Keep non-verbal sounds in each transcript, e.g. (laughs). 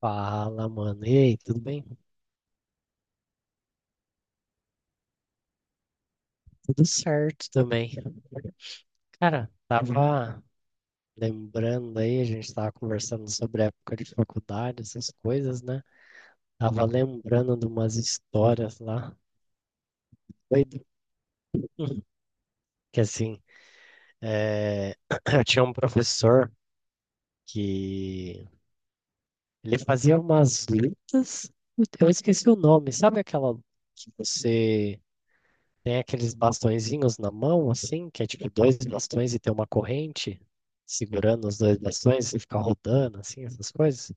Fala, mano. E aí, tudo bem? Tudo certo também. Cara, tava lembrando aí, a gente tava conversando sobre a época de faculdade, essas coisas, né? Tava lembrando de umas histórias lá. Doido. (clears throat) Que assim, é, (clears throat) eu tinha um professor que ele fazia umas lutas, eu esqueci o nome, sabe aquela que você Tem aqueles bastõezinhos na mão, assim, que é tipo dois bastões e tem uma corrente segurando os dois bastões e fica rodando, assim, essas coisas.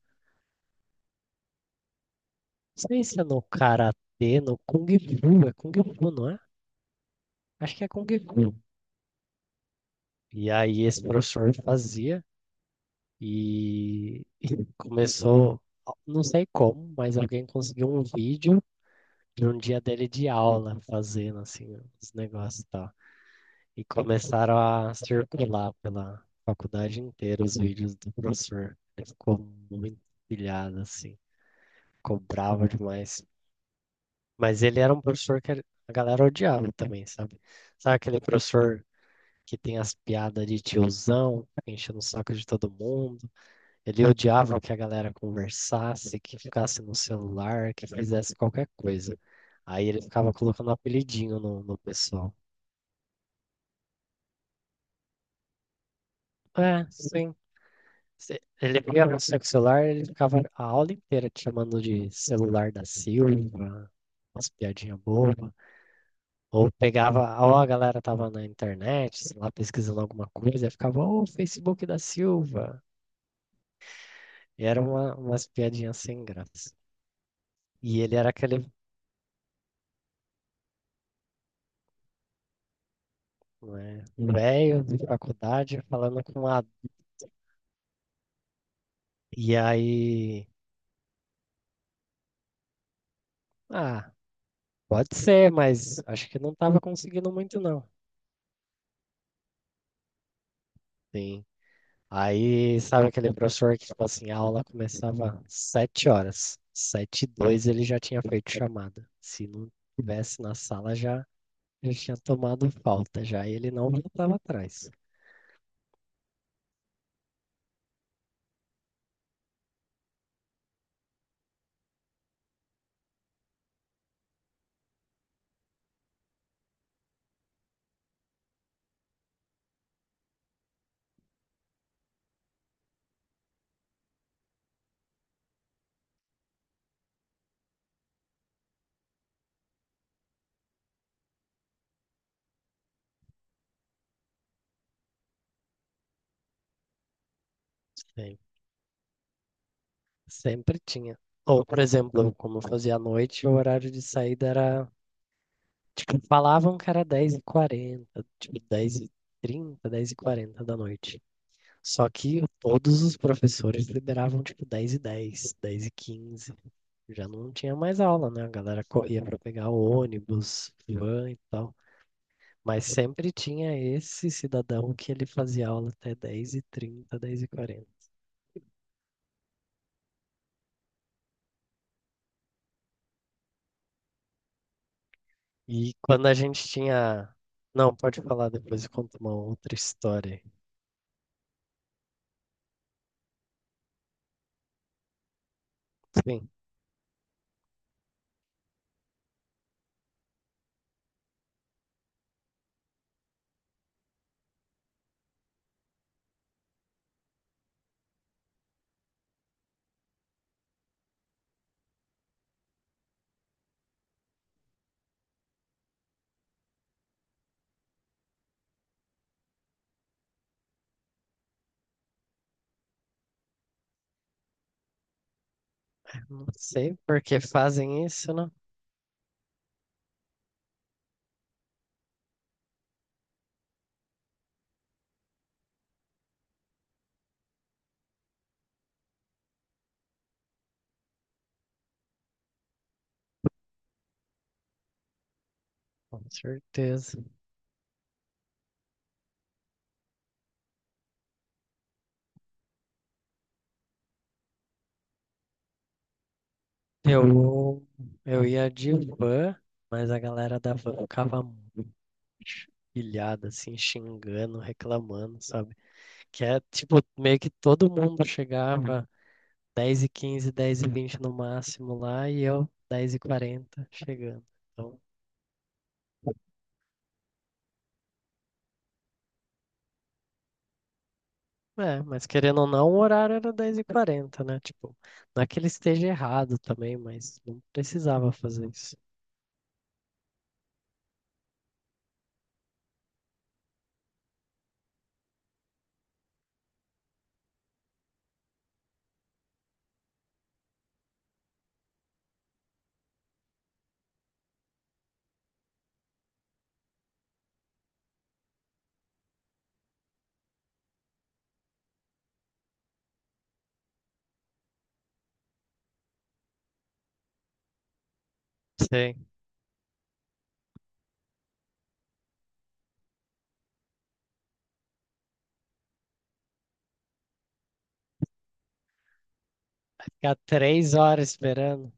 Não sei se é no karatê, no Kung Fu, é Kung Fu, não é? Acho que é Kung Fu. E aí esse professor fazia (laughs) e começou, não sei como, mas alguém conseguiu um vídeo de um dia dele de aula fazendo, assim, os negócios e tal. E começaram a circular pela faculdade inteira os vídeos do professor. Ele ficou muito pilhado, assim, ficou bravo demais. Mas ele era um professor que a galera odiava também, sabe? Sabe aquele professor que tem as piadas de tiozão, enchendo o saco de todo mundo? Ele odiava que a galera conversasse, que ficasse no celular, que fizesse qualquer coisa. Aí ele ficava colocando um apelidinho no pessoal. É, sim. Ele pegava no seu celular, ele ficava a aula inteira te chamando de celular da Silva, umas piadinhas bobas. Ou pegava, ou a galera tava na internet, sei lá, pesquisando alguma coisa, e ficava, ô, Facebook da Silva. E era uma, umas piadinhas sem graça. E ele era aquele, né, velho de faculdade falando com a. E aí, ah, pode ser, mas acho que não tava conseguindo muito, não. Sim. Aí, sabe aquele professor que, tipo assim, a aula começava 7 horas. 7h02 ele já tinha feito chamada. Se não tivesse na sala, já, já tinha tomado falta, já. E ele não voltava atrás. Sim. Sempre tinha. Ou, por exemplo, como eu fazia à noite, o horário de saída era, tipo, falavam que era 10h40, tipo, 10h30, 10h40 da noite. Só que todos os professores liberavam, tipo, 10h10, 10h15. Já não tinha mais aula, né? A galera corria para pegar ônibus, van e tal. Mas sempre tinha esse cidadão que ele fazia aula até 10h30 10h40. E quando a gente tinha. Não, pode falar depois, eu conto uma outra história. Sim, não sei por que fazem isso, né? Com certeza. Eu, eu ia de van, mas a galera da van ficava pilhada, assim, xingando, reclamando, sabe? Que é, tipo, meio que todo mundo chegava 10h15, 10h20 no máximo lá e eu 10h40 chegando. Então, é, mas querendo ou não, o horário era 10h40, né? Tipo, não é que ele esteja errado também, mas não precisava fazer isso. Você ficar 3 horas esperando.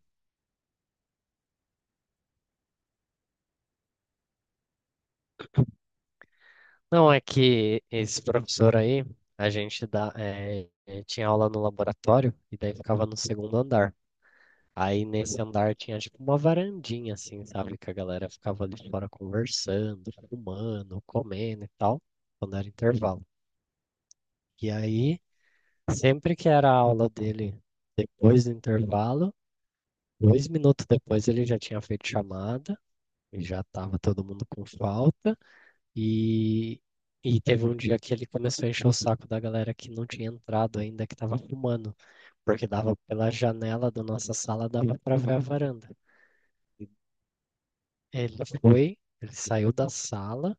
Não é que esse professor aí, a gente dá, é, é, tinha aula no laboratório e daí ficava no segundo andar. Aí nesse andar tinha tipo uma varandinha, assim, sabe? Que a galera ficava ali fora conversando, fumando, comendo e tal, quando era intervalo. E aí, sempre que era a aula dele depois do intervalo, 2 minutos depois ele já tinha feito chamada, e já tava todo mundo com falta. E, e teve um dia que ele começou a encher o saco da galera que não tinha entrado ainda, que tava fumando, porque dava pela janela da nossa sala, dava pra ver a varanda. Ele foi, ele saiu da sala,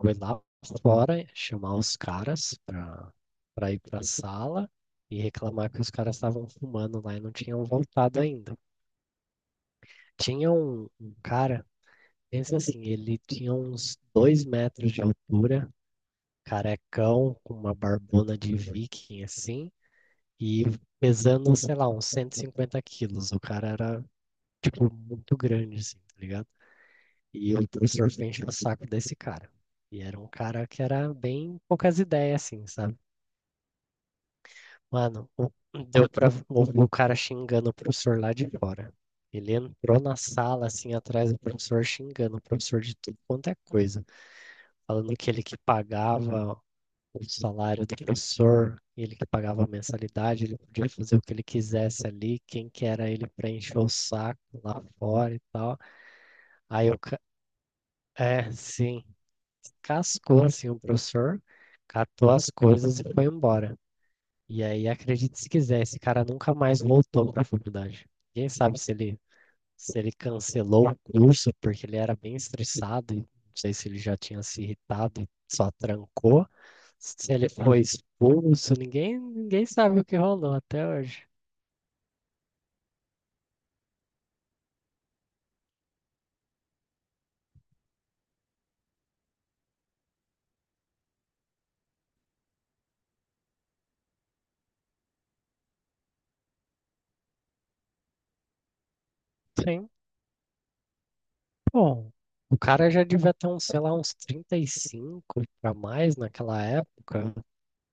foi lá fora chamar os caras pra, ir pra sala e reclamar que os caras estavam fumando lá e não tinham voltado ainda. Tinha um, um cara, pensa assim, ele tinha uns 2 metros de altura, carecão, com uma barbona de viking assim, e pesando, sei lá, uns 150 quilos. O cara era, tipo, muito grande, assim, tá ligado? E o professor sempre (laughs) enchendo o saco desse cara. E era um cara que era bem poucas ideias, assim, sabe? Mano, deu pra ouvir o cara xingando o professor lá de fora. Ele entrou na sala, assim, atrás do professor, xingando o professor de tudo quanto é coisa. Falando que ele que pagava o salário do professor, ele que pagava a mensalidade, ele podia fazer o que ele quisesse ali, quem que era ele pra encher o saco lá fora e tal. Aí é, sim. Cascou assim o professor, catou as coisas e foi embora. E aí, acredite se quiser, esse cara nunca mais voltou para a faculdade. Ninguém sabe se ele cancelou o curso porque ele era bem estressado, e não sei se ele já tinha se irritado e só trancou, se ele foi expulso, ninguém sabe o que rolou até hoje. Sim, bom. O cara já devia ter uns, sei lá, uns 35 para mais naquela época.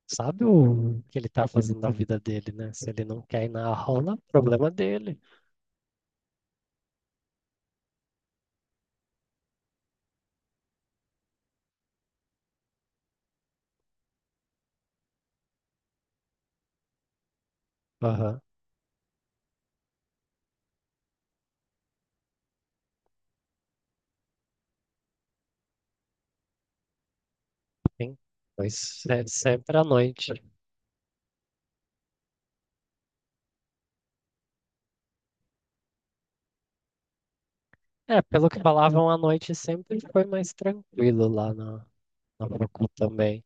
Sabe o que ele tá fazendo na vida dele, né? Se ele não quer ir na aula, problema dele. Aham, sim. Pois é sempre à noite. É, pelo que falavam, à noite sempre foi mais tranquilo lá na, na Procon também.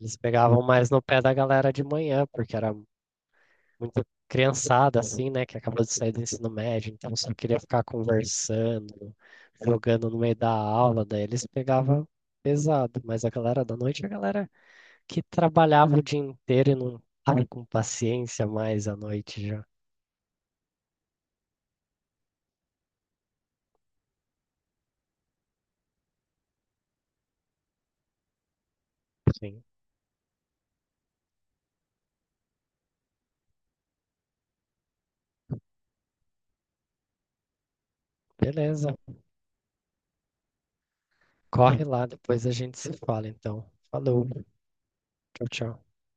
Eles pegavam mais no pé da galera de manhã, porque era muito criançada, assim, né? Que acabou de sair do ensino médio, então só queria ficar conversando, jogando no meio da aula, daí eles pegavam pesado. Mas a galera da noite, a galera que trabalhava o dia inteiro e não tava com paciência mais à noite já. Sim, beleza. Corre lá, depois a gente se fala, então. Falou. Tchau, tchau.